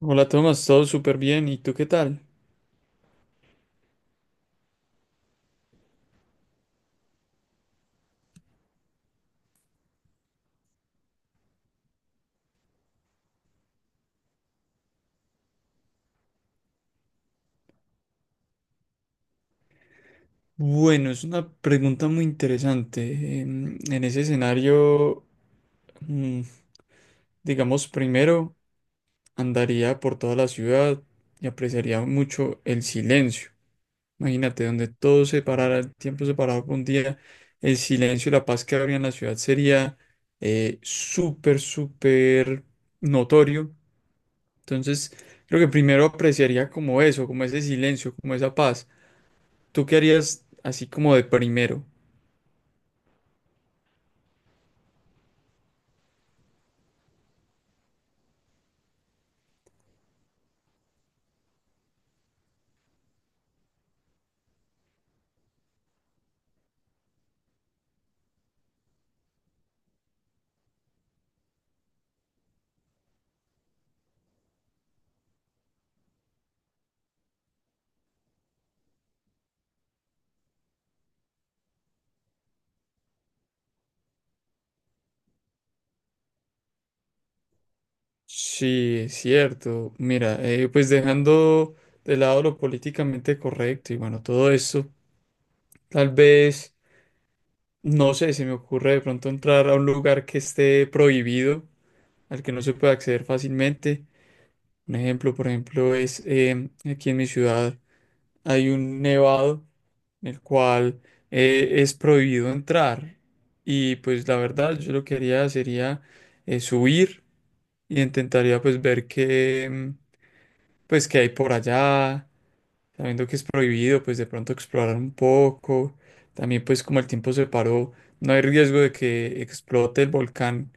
Hola Tomás, todo súper bien. ¿Y tú qué tal? Bueno, es una pregunta muy interesante. En ese escenario, mm, digamos, primero andaría por toda la ciudad y apreciaría mucho el silencio. Imagínate, donde todo se parara, el tiempo se parara por un día, el silencio y la paz que habría en la ciudad sería súper, súper notorio. Entonces, creo que primero apreciaría como eso, como ese silencio, como esa paz. ¿Tú qué harías así como de primero? Sí, es cierto. Mira, pues dejando de lado lo políticamente correcto y bueno, todo eso, tal vez, no sé, se me ocurre de pronto entrar a un lugar que esté prohibido, al que no se pueda acceder fácilmente. Un ejemplo, por ejemplo, es aquí en mi ciudad hay un nevado en el cual es prohibido entrar. Y pues la verdad, yo lo que haría sería subir. Y intentaría pues ver qué, pues, qué hay por allá, sabiendo que es prohibido, pues de pronto explorar un poco. También pues como el tiempo se paró, no hay riesgo de que explote el volcán.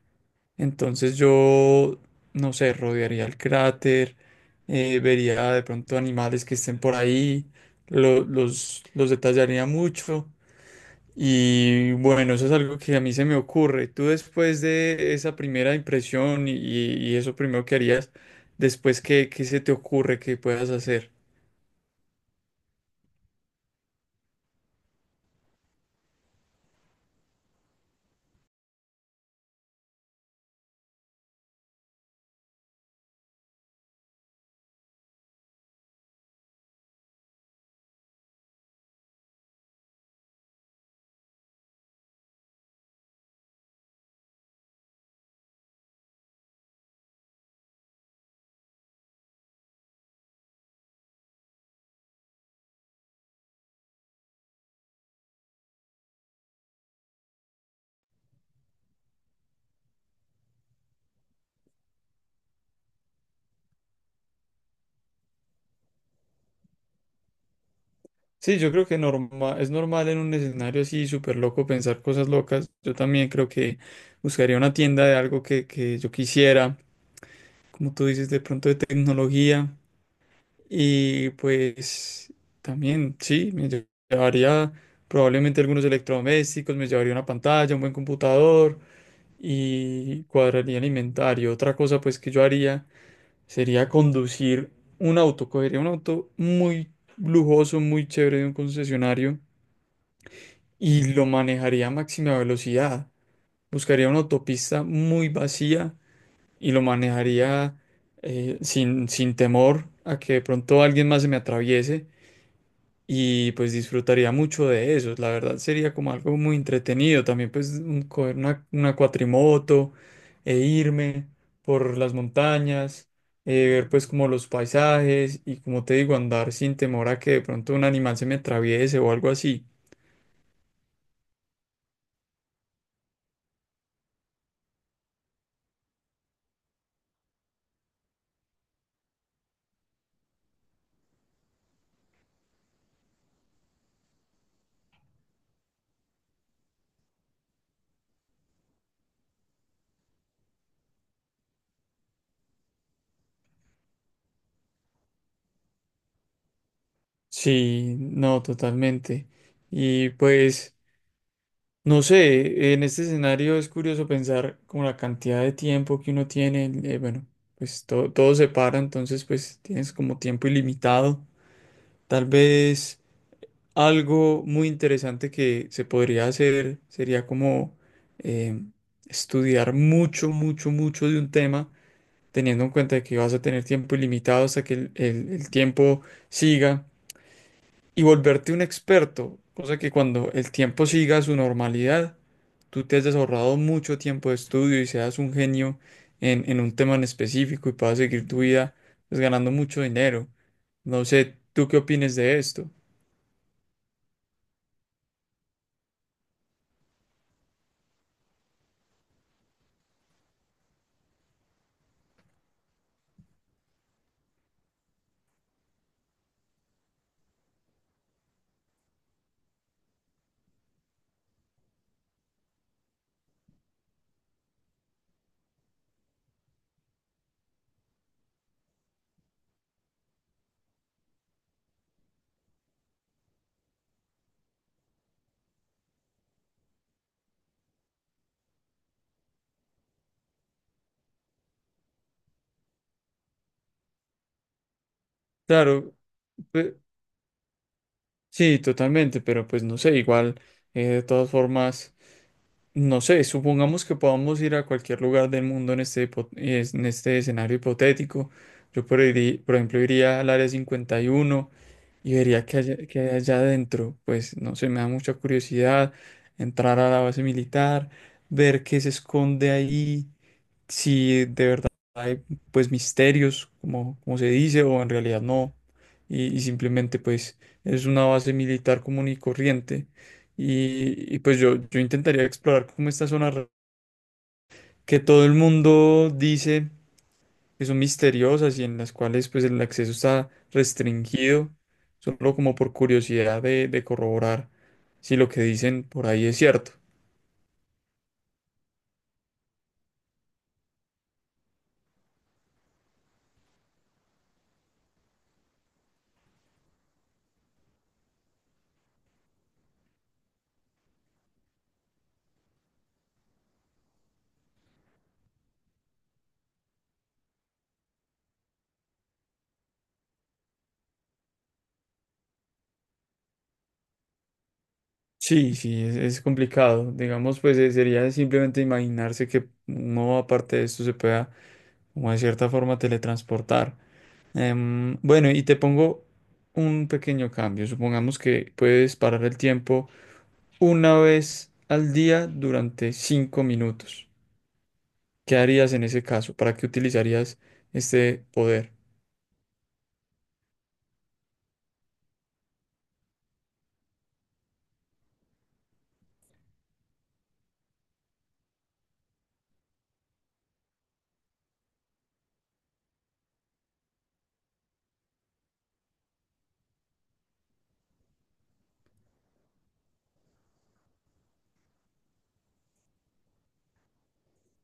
Entonces yo, no sé, rodearía el cráter, vería de pronto animales que estén por ahí, los detallaría mucho y bueno, eso es algo que a mí se me ocurre. Tú después de esa primera impresión y eso primero que harías, después qué se te ocurre que puedas hacer. Sí, yo creo que es normal en un escenario así súper loco pensar cosas locas. Yo también creo que buscaría una tienda de algo que yo quisiera, como tú dices, de pronto de tecnología. Y pues también, sí, llevaría probablemente algunos electrodomésticos, me llevaría una pantalla, un buen computador. Y cuadraría el inventario. Otra cosa pues que yo haría sería conducir un auto, cogería un auto muy lujoso, muy chévere de un concesionario y lo manejaría a máxima velocidad. Buscaría una autopista muy vacía y lo manejaría sin temor a que de pronto alguien más se me atraviese y pues disfrutaría mucho de eso. La verdad sería como algo muy entretenido. También pues coger una cuatrimoto e irme por las montañas, ver pues como los paisajes y como te digo, andar sin temor a que de pronto un animal se me atraviese o algo así. Sí, no, totalmente. Y pues. No sé, en este escenario es curioso pensar como la cantidad de tiempo que uno tiene, bueno, pues todo se para, entonces pues tienes como tiempo ilimitado. Tal vez algo muy interesante que se podría hacer sería como eh, estudiar mucho, mucho, mucho de un tema, teniendo en cuenta que vas a tener tiempo ilimitado hasta que el tiempo siga y volverte un experto, cosa que cuando el tiempo siga su normalidad, tú te has ahorrado mucho tiempo de estudio y seas un genio en un tema en específico y puedas seguir tu vida pues, ganando mucho dinero. No sé, ¿tú qué opines de esto? Claro, pues, sí, totalmente, pero pues no sé, igual, de todas formas, no sé, supongamos que podamos ir a cualquier lugar del mundo en este, en este escenario hipotético. Por ejemplo iría al área 51 y vería que hay allá adentro. Pues no sé, me da mucha curiosidad entrar a la base militar, ver qué se esconde ahí, si de verdad hay pues misterios, como se dice, o en realidad no. Y simplemente pues es una base militar común y corriente. Pues yo intentaría explorar como esta zona que todo el mundo dice que son misteriosas y en las cuales pues el acceso está restringido, solo como por curiosidad de corroborar si lo que dicen por ahí es cierto. Sí, sí, es, complicado. Digamos, pues sería simplemente imaginarse que no aparte de esto se pueda, como de cierta forma, teletransportar. Bueno, y te pongo un pequeño cambio. Supongamos que puedes parar el tiempo una vez al día durante 5 minutos. ¿Qué harías en ese caso? ¿Para qué utilizarías este poder?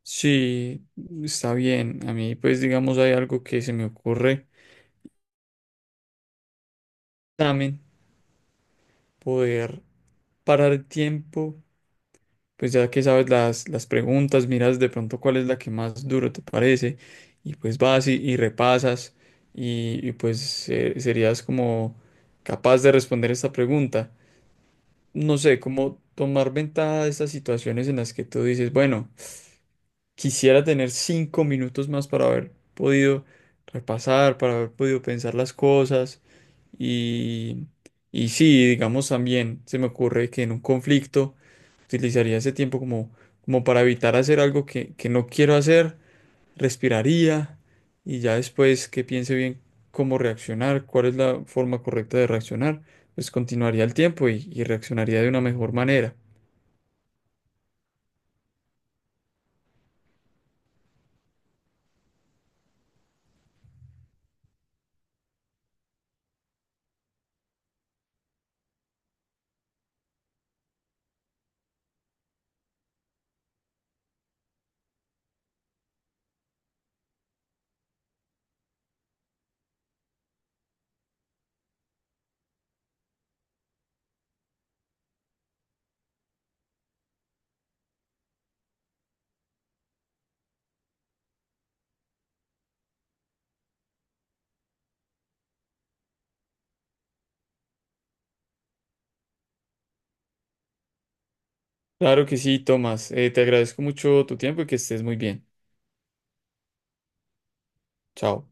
Sí, está bien. A mí, pues, digamos, hay algo que se me ocurre también, poder parar el tiempo, pues ya que sabes las preguntas, miras de pronto cuál es la que más duro te parece y pues vas y repasas y pues serías como capaz de responder esta pregunta. No sé, cómo tomar ventaja de estas situaciones en las que tú dices, bueno, quisiera tener 5 minutos más para haber podido repasar, para haber podido pensar las cosas. Y, y sí, digamos también, se me ocurre que en un conflicto utilizaría ese tiempo como, como para evitar hacer algo que no quiero hacer, respiraría y ya después que piense bien cómo reaccionar, cuál es la forma correcta de reaccionar, pues continuaría el tiempo y reaccionaría de una mejor manera. Claro que sí, Tomás. Te agradezco mucho tu tiempo y que estés muy bien. Chao.